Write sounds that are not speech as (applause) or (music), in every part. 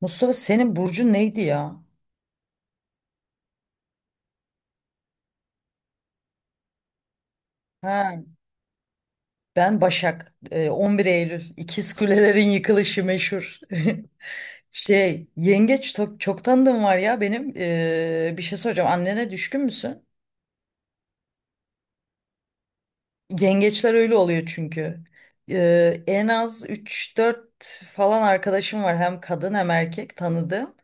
Mustafa senin burcun neydi ya? Ha, ben Başak. 11 Eylül. İkiz Kulelerin yıkılışı meşhur. (laughs) Çok tanıdığım var ya benim. Bir şey soracağım. Annene düşkün müsün? Yengeçler öyle oluyor çünkü. En az üç dört falan arkadaşım var hem kadın hem erkek tanıdığım.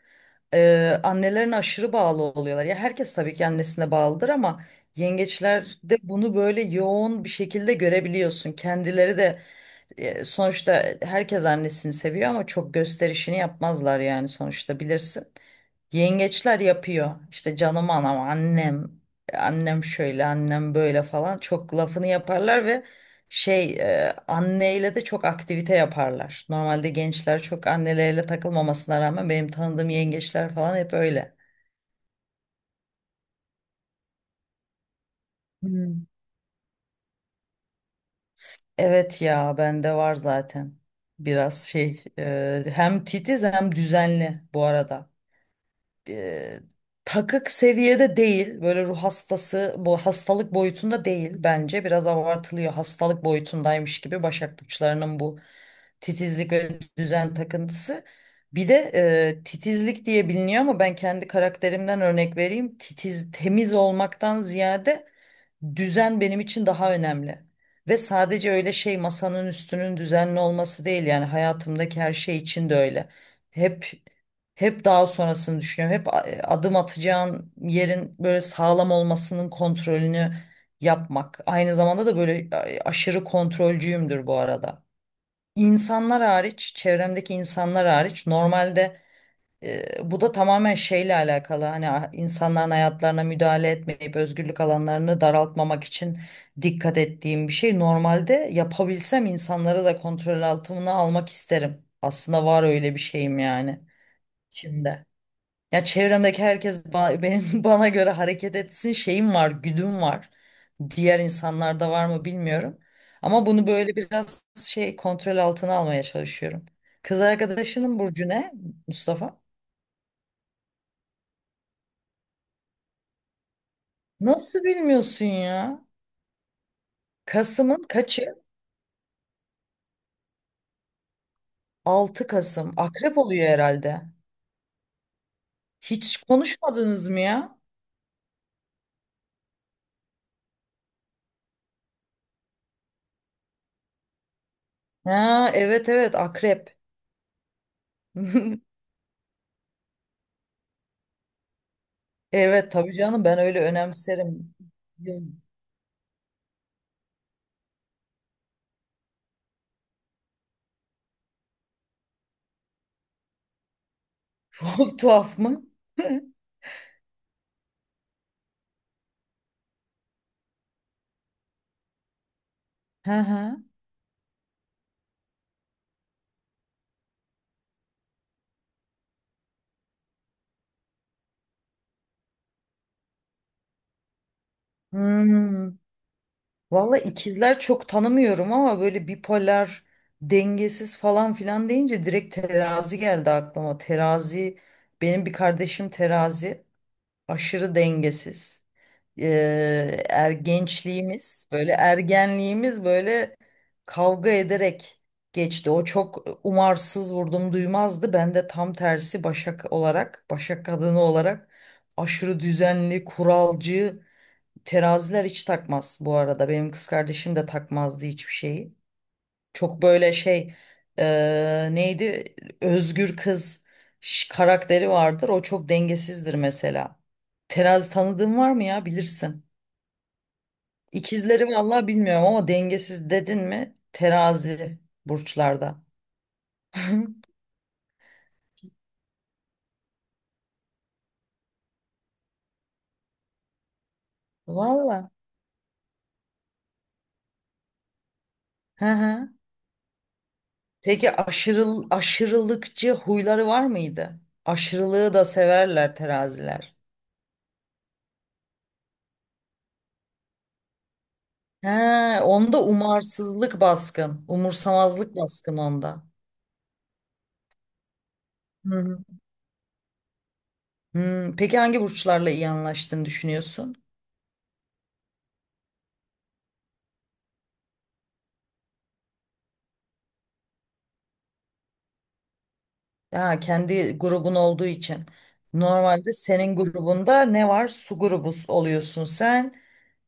Annelerine aşırı bağlı oluyorlar. Ya herkes tabii ki annesine bağlıdır ama yengeçlerde bunu böyle yoğun bir şekilde görebiliyorsun. Kendileri de sonuçta herkes annesini seviyor ama çok gösterişini yapmazlar yani sonuçta bilirsin. Yengeçler yapıyor. İşte canım anam, annem, annem şöyle, annem böyle falan çok lafını yaparlar ve şey anneyle de çok aktivite yaparlar. Normalde gençler çok anneleriyle takılmamasına rağmen benim tanıdığım yengeçler falan hep öyle. Hmm. Evet ya bende var zaten biraz hem titiz hem düzenli bu arada. e, Takık seviyede değil. Böyle ruh hastası, bu hastalık boyutunda değil bence. Biraz abartılıyor. Hastalık boyutundaymış gibi Başak burçlarının bu titizlik ve düzen takıntısı. Bir de titizlik diye biliniyor ama ben kendi karakterimden örnek vereyim. Titiz, temiz olmaktan ziyade düzen benim için daha önemli. Ve sadece öyle masanın üstünün düzenli olması değil yani hayatımdaki her şey için de öyle. Hep hep daha sonrasını düşünüyorum. Hep adım atacağın yerin böyle sağlam olmasının kontrolünü yapmak. Aynı zamanda da böyle aşırı kontrolcüyümdür bu arada. İnsanlar hariç, çevremdeki insanlar hariç normalde bu da tamamen şeyle alakalı. Hani insanların hayatlarına müdahale etmeyip özgürlük alanlarını daraltmamak için dikkat ettiğim bir şey. Normalde yapabilsem insanları da kontrol altına almak isterim. Aslında var öyle bir şeyim yani şimdi. Ya çevremdeki herkes benim (laughs) bana göre hareket etsin şeyim var, güdüm var. Diğer insanlarda var mı bilmiyorum. Ama bunu böyle biraz kontrol altına almaya çalışıyorum. Kız arkadaşının burcu ne Mustafa? Nasıl bilmiyorsun ya? Kasım'ın kaçı? 6 Kasım. Akrep oluyor herhalde. Hiç konuşmadınız mı ya? Ha, evet, evet, akrep. (laughs) Evet tabii canım ben öyle önemserim. (laughs) Tuhaf tuhaf mı? Hı hı. Hmm. Valla ikizler çok tanımıyorum ama böyle bipolar, dengesiz falan filan deyince direkt terazi geldi aklıma. Terazi, benim bir kardeşim terazi, aşırı dengesiz. Böyle ergenliğimiz böyle kavga ederek geçti. O çok umarsız vurdum duymazdı. Ben de tam tersi Başak olarak, Başak kadını olarak aşırı düzenli, kuralcı. Teraziler hiç takmaz bu arada. Benim kız kardeşim de takmazdı hiçbir şeyi. Çok böyle neydi? Özgür kız karakteri vardır. O çok dengesizdir mesela. Terazi tanıdığın var mı ya? Bilirsin. İkizleri vallahi bilmiyorum ama dengesiz dedin mi? Terazi burçlarda. (laughs) Valla. Hı hı. Peki aşırılıkçı huyları var mıydı? Aşırılığı da severler teraziler. He, onda umarsızlık baskın, umursamazlık baskın onda. Hı hı. Hmm, peki hangi burçlarla iyi anlaştığını düşünüyorsun? Ha, kendi grubun olduğu için. Normalde senin grubunda ne var? Su grubu oluyorsun sen.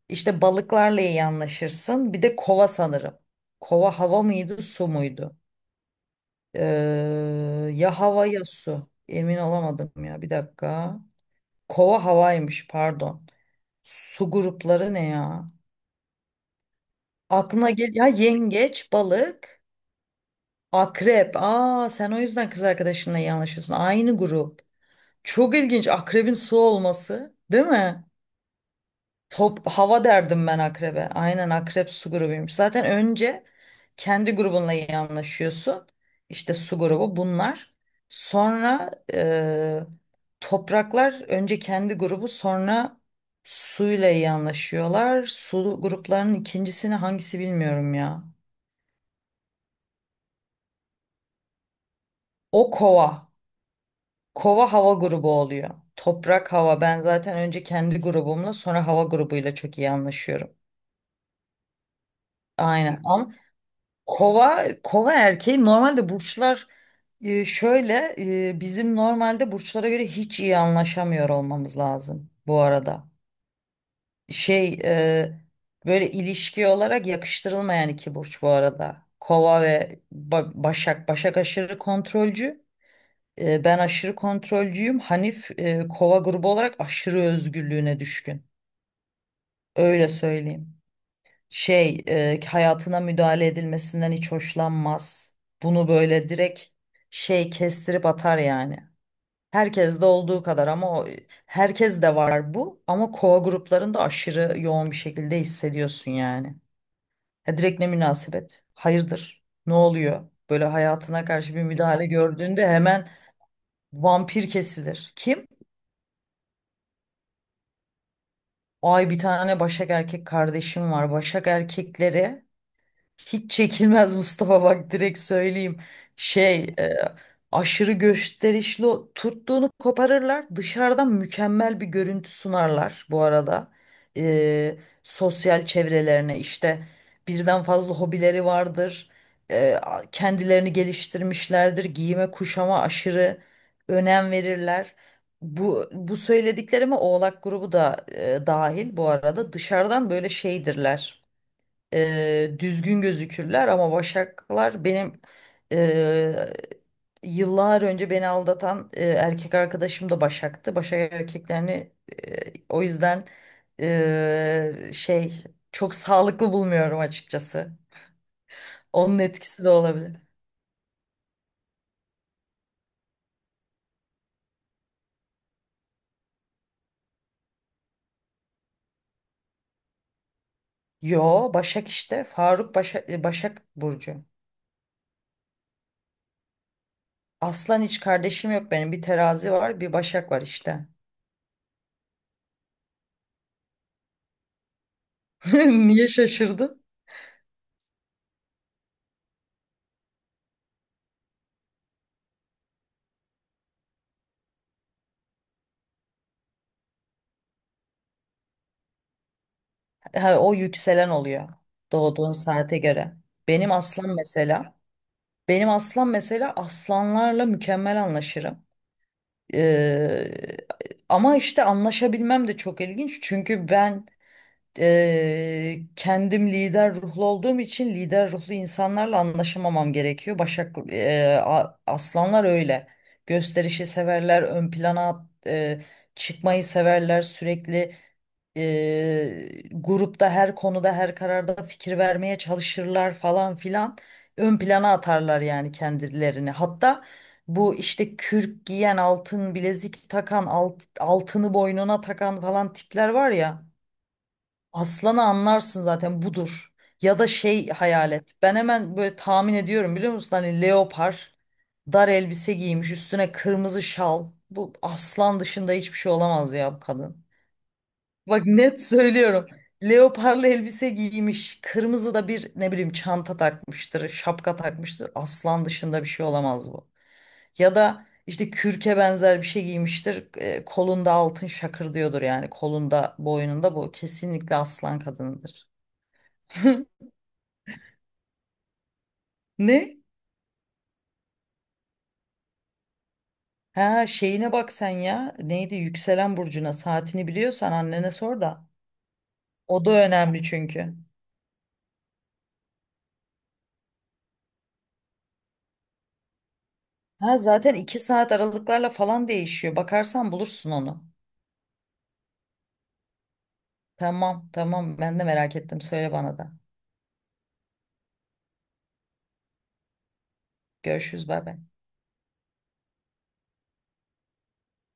İşte balıklarla iyi anlaşırsın. Bir de kova sanırım. Kova hava mıydı, su muydu? Ee, Ya hava ya su. Emin olamadım ya. Bir dakika. Kova havaymış, pardon. Su grupları ne ya? Aklına gel ya yengeç, balık, akrep. Aa sen o yüzden kız arkadaşınla iyi anlaşıyorsun. Aynı grup. Çok ilginç akrebin su olması, değil mi? Top hava derdim ben akrebe. Aynen akrep su grubuymuş. Zaten önce kendi grubunla iyi anlaşıyorsun. İşte su grubu bunlar. Sonra topraklar önce kendi grubu sonra suyla iyi anlaşıyorlar. Su gruplarının ikincisini hangisi bilmiyorum ya. O kova. Kova hava grubu oluyor. Toprak hava. Ben zaten önce kendi grubumla sonra hava grubuyla çok iyi anlaşıyorum. Aynen. Ama kova erkeği normalde burçlar şöyle bizim normalde burçlara göre hiç iyi anlaşamıyor olmamız lazım bu arada. Şey e, Böyle ilişki olarak yakıştırılmayan iki burç bu arada. Kova ve Başak. Başak aşırı kontrolcü. Ben aşırı kontrolcüyüm. Hanif kova grubu olarak aşırı özgürlüğüne düşkün. Öyle söyleyeyim. Hayatına müdahale edilmesinden hiç hoşlanmaz. Bunu böyle direkt kestirip atar yani. Herkes de olduğu kadar ama herkes de var bu ama kova gruplarında aşırı yoğun bir şekilde hissediyorsun yani. Ya direkt ne münasebet? Hayırdır? Ne oluyor? Böyle hayatına karşı bir müdahale gördüğünde hemen vampir kesilir. Kim? Ay bir tane Başak erkek kardeşim var. Başak erkekleri hiç çekilmez. (laughs) Mustafa, bak direkt söyleyeyim. Şey e, Aşırı gösterişli tuttuğunu koparırlar. Dışarıdan mükemmel bir görüntü sunarlar bu arada. E, Sosyal çevrelerine işte birden fazla hobileri vardır. Kendilerini geliştirmişlerdir. Giyime kuşama aşırı önem verirler. Bu söylediklerime Oğlak grubu da dahil bu arada dışarıdan böyle şeydirler, düzgün gözükürler ama başaklar benim e, yıllar önce beni aldatan erkek arkadaşım da başaktı. Başak erkeklerini o yüzden e, şey çok sağlıklı bulmuyorum açıkçası. Onun etkisi de olabilir. Yo Başak işte Faruk Başak, Başak Burcu. Aslan hiç kardeşim yok benim. Bir terazi var, bir Başak var işte. (laughs) Niye şaşırdın? Ha, o yükselen oluyor doğduğun saate göre. Benim aslan mesela, benim aslan mesela, aslanlarla mükemmel anlaşırım. Ee, Ama işte anlaşabilmem de çok ilginç çünkü ben kendim lider ruhlu olduğum için lider ruhlu insanlarla anlaşamamam gerekiyor. Başak aslanlar öyle. Gösterişi severler, ön plana çıkmayı severler, sürekli grupta her konuda her kararda fikir vermeye çalışırlar falan filan. Ön plana atarlar yani kendilerini. Hatta bu işte kürk giyen, altın bilezik takan, altını boynuna takan falan tipler var ya. Aslanı anlarsın zaten budur. Ya da hayal et. Ben hemen böyle tahmin ediyorum biliyor musun? Hani leopar, dar elbise giymiş, üstüne kırmızı şal. Bu aslan dışında hiçbir şey olamaz ya bu kadın. Bak net söylüyorum. Leoparlı elbise giymiş, kırmızı da bir ne bileyim çanta takmıştır, şapka takmıştır. Aslan dışında bir şey olamaz bu. Ya da işte kürke benzer bir şey giymiştir. Kolunda altın şakır diyordur yani kolunda, boynunda bu kesinlikle aslan kadınıdır. (laughs) Ne? Ha şeyine bak sen ya. Neydi yükselen burcuna saatini biliyorsan annene sor da. O da önemli çünkü. Ha zaten 2 saat aralıklarla falan değişiyor. Bakarsan bulursun onu. Tamam, tamam, ben de merak ettim. Söyle bana da. Görüşürüz, bay bay.